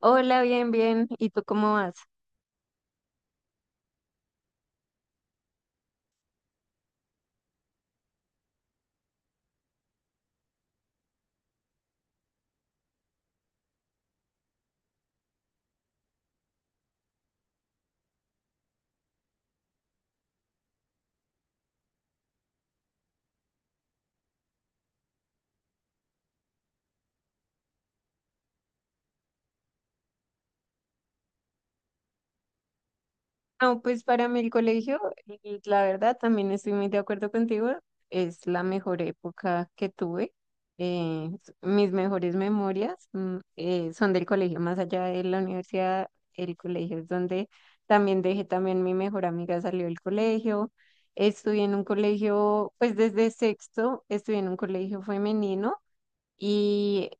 Hola, bien, bien. ¿Y tú cómo vas? No, pues para mí el colegio, y la verdad, también estoy muy de acuerdo contigo, es la mejor época que tuve. Mis mejores memorias son del colegio, más allá de la universidad. El colegio es donde también dejé, también mi mejor amiga salió del colegio. Estudié en un colegio, pues desde sexto, estudié en un colegio femenino. Y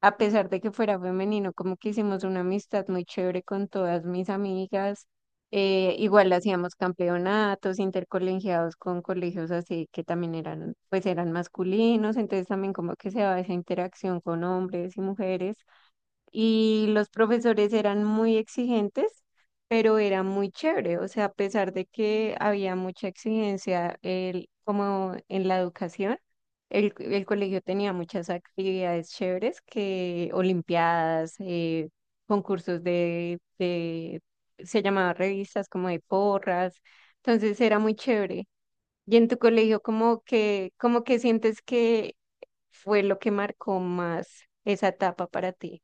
a pesar de que fuera femenino, como que hicimos una amistad muy chévere con todas mis amigas. Igual hacíamos campeonatos intercolegiados con colegios así que también eran, pues eran masculinos, entonces también como que se daba esa interacción con hombres y mujeres, y los profesores eran muy exigentes, pero era muy chévere. O sea, a pesar de que había mucha exigencia como en la educación, el colegio tenía muchas actividades chéveres que olimpiadas, concursos se llamaban revistas como de porras. Entonces era muy chévere. Y en tu colegio, ¿cómo que sientes que fue lo que marcó más esa etapa para ti?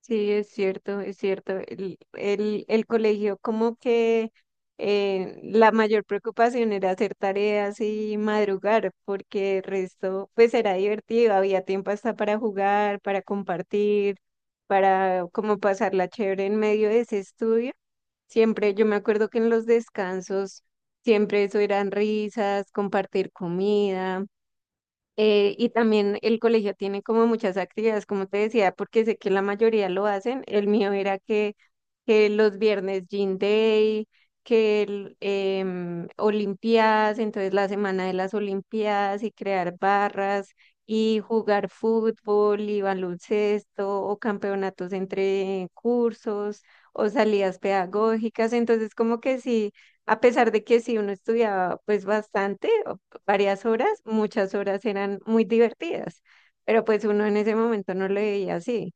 Sí, es cierto, es cierto. El colegio, como que la mayor preocupación era hacer tareas y madrugar, porque el resto, pues era divertido, había tiempo hasta para jugar, para compartir, para como pasarla chévere en medio de ese estudio. Siempre, yo me acuerdo que en los descansos, siempre eso eran risas, compartir comida. Y también el colegio tiene como muchas actividades, como te decía, porque sé que la mayoría lo hacen. El mío era que los viernes Gym Day, que Olimpiadas, entonces la semana de las Olimpiadas y crear barras y jugar fútbol y baloncesto o campeonatos entre cursos o salidas pedagógicas. Entonces como que sí, a pesar de que sí uno estudiaba pues bastante varias horas, muchas horas eran muy divertidas, pero pues uno en ese momento no lo veía así.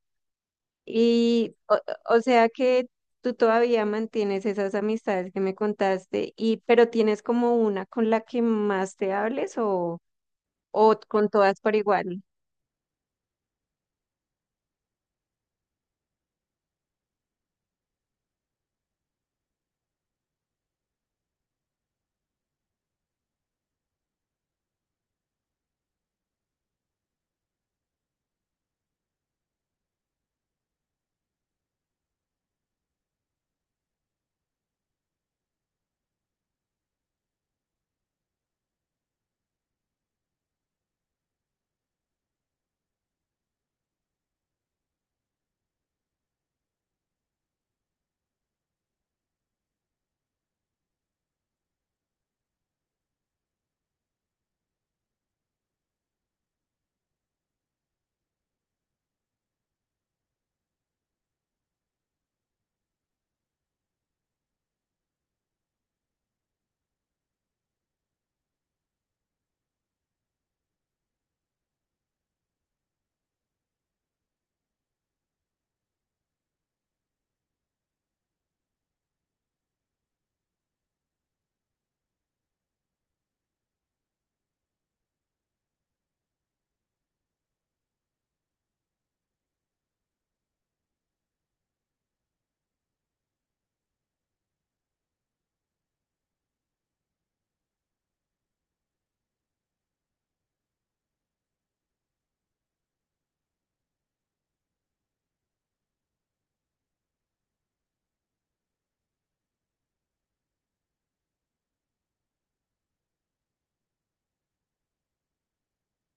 Y o, o sea que tú todavía mantienes esas amistades que me contaste, y pero tienes como una con la que más te hables, o con todas por igual.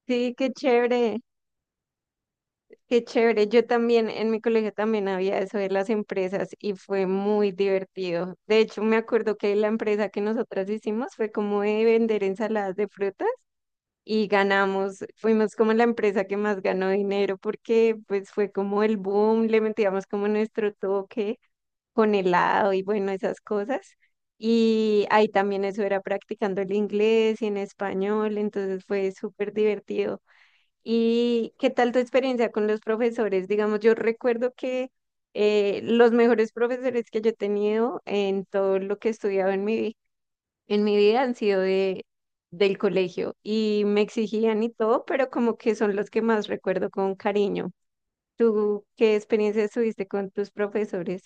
Sí, qué chévere. Qué chévere. Yo también, en mi colegio también había eso de las empresas y fue muy divertido. De hecho, me acuerdo que la empresa que nosotras hicimos fue como de vender ensaladas de frutas y ganamos, fuimos como la empresa que más ganó dinero porque pues fue como el boom, le metíamos como nuestro toque con helado y bueno, esas cosas. Y ahí también eso era practicando el inglés y en español, entonces fue súper divertido. ¿Y qué tal tu experiencia con los profesores? Digamos, yo recuerdo que los mejores profesores que yo he tenido en todo lo que he estudiado en mi vida han sido del colegio y me exigían y todo, pero como que son los que más recuerdo con cariño. ¿Tú qué experiencias tuviste con tus profesores?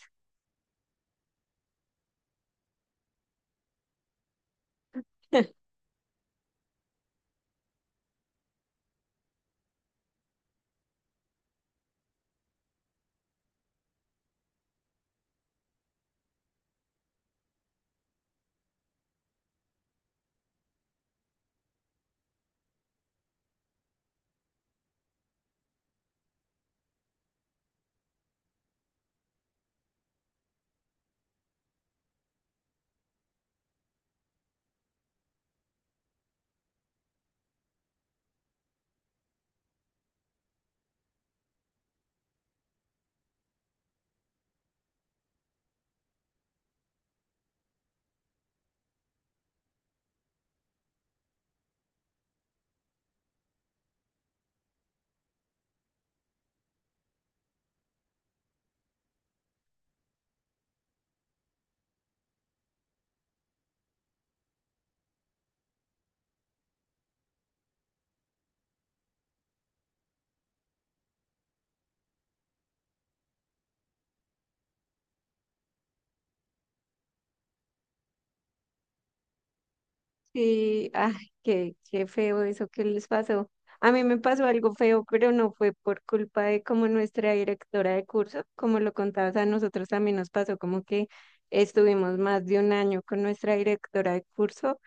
Sí, ay, qué feo eso que les pasó. A mí me pasó algo feo, pero no fue por culpa de como nuestra directora de curso, como lo contabas, a nosotros también nos pasó como que estuvimos más de un año con nuestra directora de curso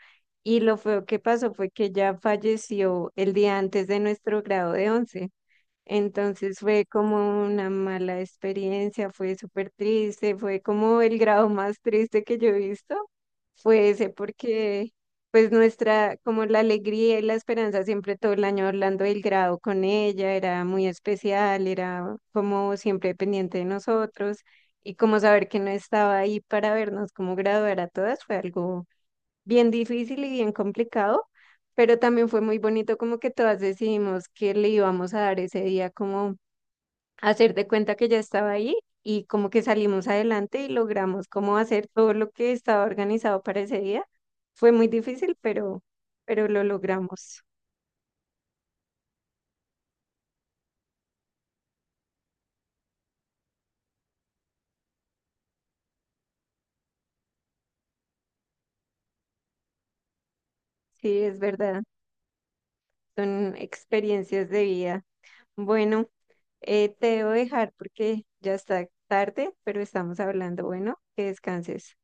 y lo feo que pasó fue que ya falleció el día antes de nuestro grado de 11. Entonces fue como una mala experiencia, fue súper triste, fue como el grado más triste que yo he visto, fue ese porque pues nuestra, como la alegría y la esperanza siempre todo el año hablando del grado con ella, era muy especial, era como siempre pendiente de nosotros, y como saber que no estaba ahí para vernos como graduar a todas fue algo bien difícil y bien complicado, pero también fue muy bonito como que todas decidimos que le íbamos a dar ese día como hacer de cuenta que ya estaba ahí y como que salimos adelante y logramos como hacer todo lo que estaba organizado para ese día. Fue muy difícil, pero lo logramos. Sí, es verdad, son experiencias de vida. Bueno, te debo dejar porque ya está tarde, pero estamos hablando. Bueno, que descanses.